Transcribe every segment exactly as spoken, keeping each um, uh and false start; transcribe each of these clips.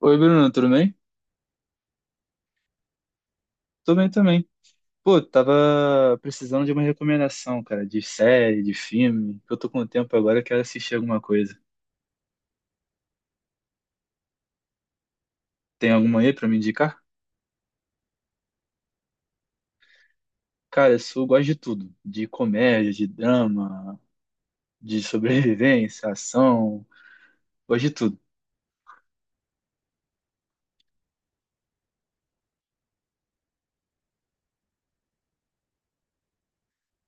Oi, Bruno, tudo bem? Tô bem também. Pô, tava precisando de uma recomendação, cara, de série, de filme, que eu tô com tempo agora, eu quero assistir alguma coisa. Tem alguma aí pra me indicar? Cara, eu sou, gosto de tudo, de comédia, de drama, de sobrevivência, ação, gosto de tudo.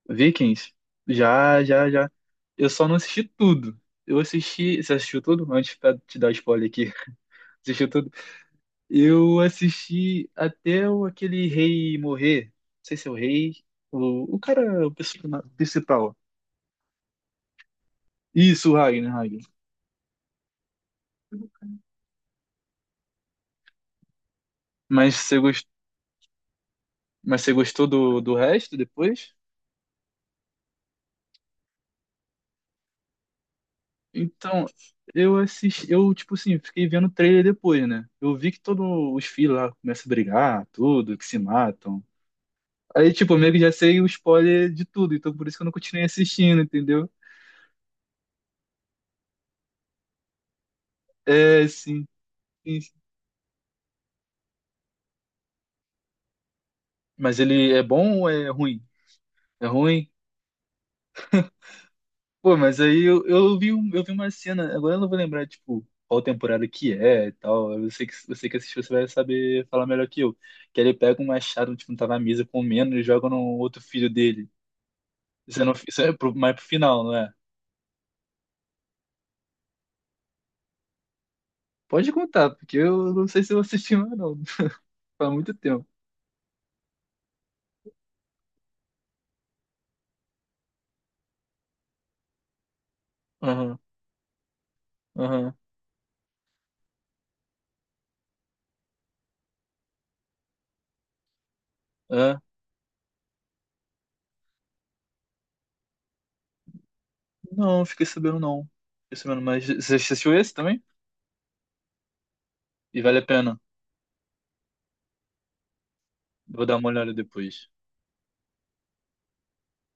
Vikings, já, já, já. Eu só não assisti tudo. Eu assisti, você assistiu tudo? Antes pra te dar spoiler aqui. Assistiu tudo? Eu assisti até o, aquele rei morrer. Não sei se é o rei. O, o cara, o persona- principal. Isso, o Ragnar, Ragnar. Mas você, gos- mas você gostou do, do resto depois? Então, eu assisti. Eu, tipo assim, fiquei vendo o trailer depois, né? Eu vi que todos os filhos lá começam a brigar, tudo, que se matam. Aí, tipo, eu meio que já sei o spoiler de tudo, então por isso que eu não continuei assistindo, entendeu? É, sim. Sim. Mas ele é bom ou é ruim? É ruim? Pô, mas aí eu, eu vi, um- eu vi uma cena, agora eu não vou lembrar, tipo, qual temporada que é e tal. Eu sei que você que assistiu, você vai saber falar melhor que eu. Que ele pega um machado, tipo, tá na mesa comendo e joga no outro filho dele. Isso, eu não, isso é pro, mais pro final, não é? Pode contar, porque eu não sei se eu assisti mais, não. Faz muito tempo. Aham, aham. É. Não, fiquei sabendo não. Fiquei sabendo, mas você assistiu esse também? E vale a pena. Vou dar uma olhada depois.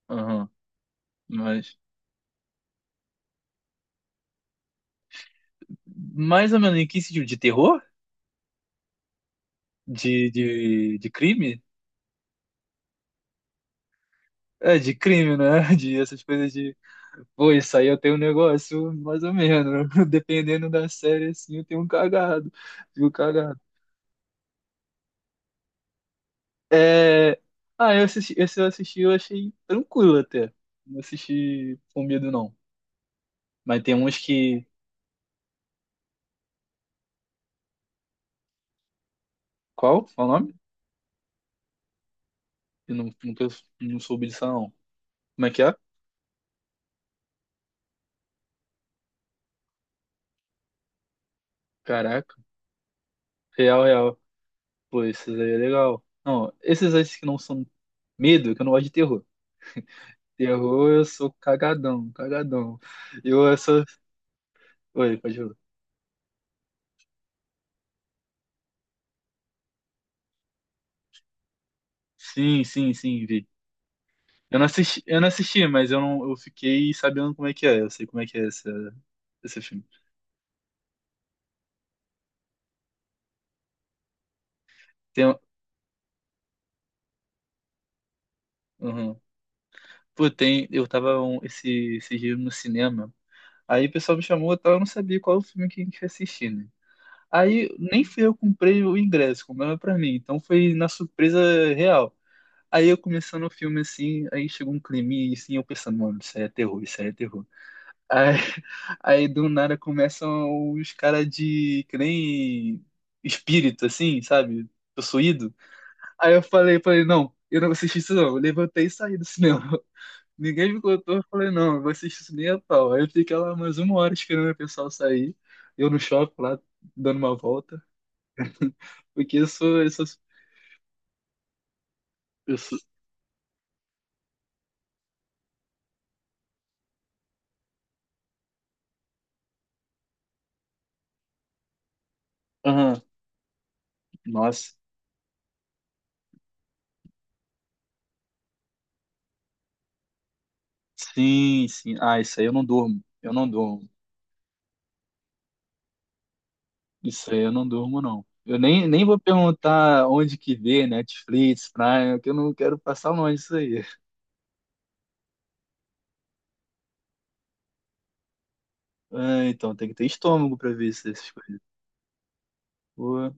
Aham. Mas. Mais ou menos em que sentido? De terror? De, de, de crime? É, de crime, né? De essas coisas de. Pô, isso aí eu tenho um negócio, mais ou menos. Dependendo da série, assim, eu tenho um cagado. Tenho um cagado. É... Ah, eu assisti, esse eu assisti, eu achei tranquilo até. Não assisti com medo, não. Mas tem uns que. Qual? Qual o nome? Eu não, não, não soube disso, não. Como é que é? Caraca. Real, real. Pô, esses aí é legal. Não, esses aí que não são medo, que eu não gosto de terror. Terror, eu sou cagadão, cagadão. Eu essa. Oi, pode falar. Sim, sim, sim, vi. Eu não assisti, eu não assisti, mas eu não, eu fiquei sabendo como é que é. Eu sei como é que é esse, esse filme. Tem, um- uhum. Pô, tem, eu tava um, esse, esse dia no cinema. Aí o pessoal me chamou, e tal, eu não sabia qual o filme que a gente ia assistir, né? Aí nem fui eu que comprei o ingresso, comprava pra mim. Então foi na surpresa real. Aí eu começando o filme assim, aí chegou um crime e assim, eu pensando, mano, isso aí é terror, isso aí é terror. Aí, aí do nada começam os caras de que nem espírito, assim, sabe? Possuído. Aí eu falei, falei, não, eu não vou assistir isso não. Eu levantei e saí do cinema. Ninguém me contou, eu falei, não, eu vou assistir isso nem a pau. Aí eu fiquei lá mais uma hora esperando o pessoal sair. Eu no shopping lá, dando uma volta. Porque eu sou, eu sou, eu sou... Aham, nossa. Sim, sim. Ah, isso aí eu não durmo. Eu não durmo. Isso aí eu não durmo, não. Eu nem, nem vou perguntar onde que vê, Netflix, Prime, que eu não quero passar longe disso aí. Ah, então, tem que ter estômago pra ver isso- essas coisas. Pô,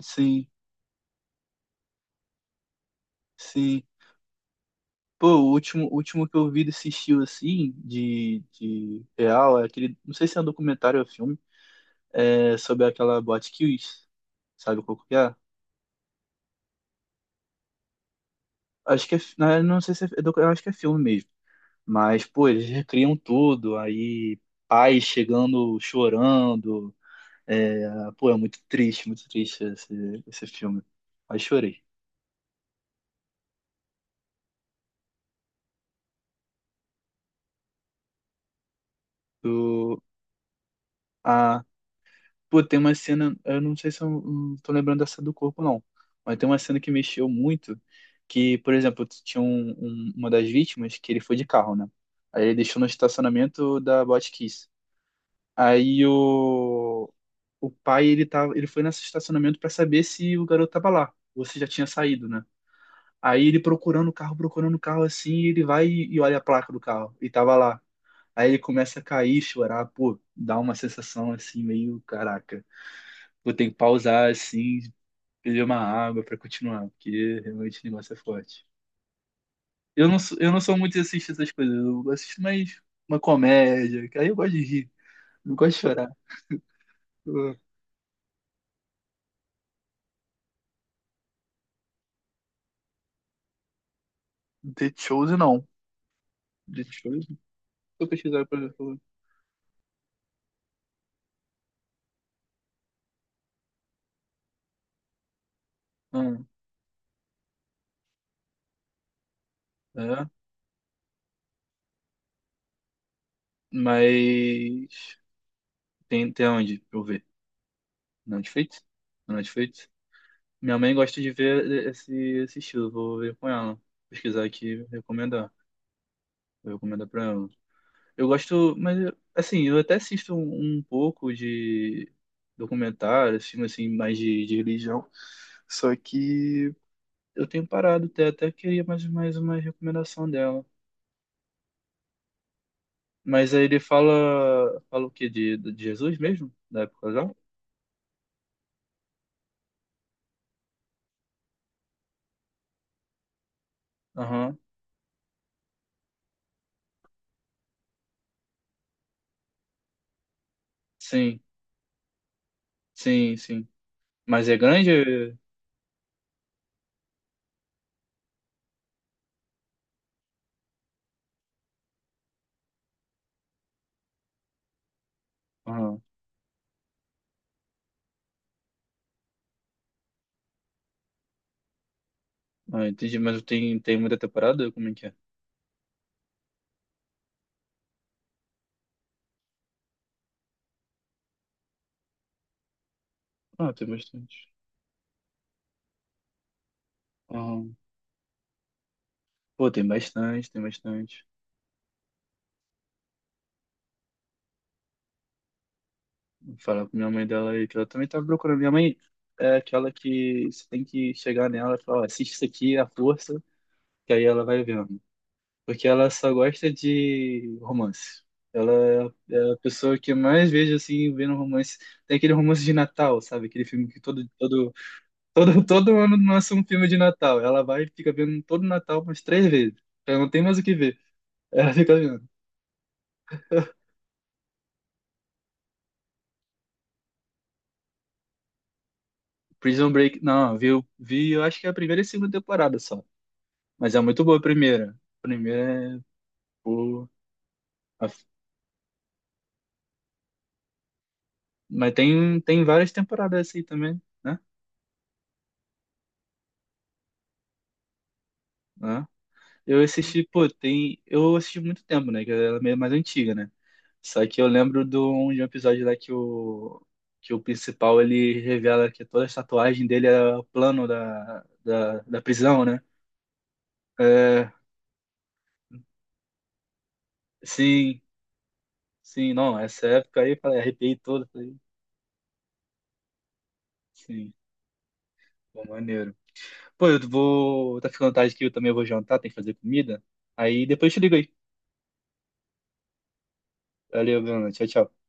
sim, sim. Pô, o último, o último que eu vi desse estilo, assim, de, de real, é aquele, não sei se é um documentário ou filme, é sobre aquela Botkiss, sabe qual que é? Acho que é, fi- na verdade, não sei se é, é docu- eu acho que é filme mesmo. Mas, pô, eles recriam tudo, aí pais chegando chorando, é, pô, é muito triste, muito triste esse, esse filme. Aí chorei. Do, a, pô, tem uma cena, eu não sei se eu não tô lembrando dessa do corpo, não. Mas tem uma cena que mexeu muito, que, por exemplo, tinha um, um- uma das vítimas que ele foi de carro, né? Aí ele deixou no estacionamento da Botkiss. Aí o, o pai, ele tava, ele foi nesse estacionamento para saber se o garoto tava lá, ou se já tinha saído, né? Aí ele procurando o carro, procurando o carro assim, e ele vai e e olha a placa do carro. E tava lá. Aí ele começa a cair, chorar, pô, dá uma sensação assim, meio, caraca, vou ter que pausar assim, beber uma água pra continuar, porque realmente o negócio é forte. Eu não sou, eu não sou muito de assistir essas coisas, eu assisto mais uma comédia, que aí eu gosto de rir, não gosto de chorar. Eu- The Chosen não. The Chosen, vou pesquisar pra ver. Ah, é, mas tem, tem onde? Deixa eu ver. Netflix? No Netflix? Minha mãe gosta de ver esse, esse estilo, vou ver com ela. Pesquisar aqui, recomendar. Vou recomendar pra ela. Eu gosto, mas assim, eu até assisto um, um pouco de documentários, filme assim, mais de, de religião. Só que eu tenho parado até, até queria mais, mais uma recomendação dela. Mas aí ele fala, fala o quê? De, de Jesus mesmo? Da época já? Aham. Sim, sim, sim. Mas é grande? Aham. Ah, entendi, mas tem, tem muita temporada? Como é que é? Ah, tem bastante. Ah, pô, tem bastante, tem bastante. Vou falar com minha mãe dela aí, que ela também tá procurando. Minha mãe é aquela que você tem que chegar nela e falar, ó, assiste isso aqui à força, que aí ela vai vendo. Porque ela só gosta de romance. Ela é a pessoa que eu mais vejo, assim, vendo romance. Tem aquele romance de Natal, sabe? Aquele filme que todo, todo, todo, todo ano lança um filme de Natal. Ela vai e fica vendo todo Natal umas três vezes. Ela não tem mais o que ver. É, fica vendo. Prison Break, não, vi, vi, eu acho que é a primeira e segunda temporada só. Mas é muito boa a primeira. A primeira é pô. a- mas tem, tem várias temporadas assim também, né? Né? Eu assisti, pô, tem. Eu assisti muito tempo, né? Que ela é meio mais antiga, né? Só que eu lembro de um, de um episódio lá que o, que o principal ele revela que toda a tatuagem dele é o plano da, da, da prisão, né? É, sim, sim, não. Essa época aí, falei, arrepiei todo. Sim, pô, maneiro. Pô, eu vou. Tá ficando tarde aqui, eu também vou jantar, tem que fazer comida. Aí depois eu te ligo aí. Valeu, Bruno. Tchau, tchau.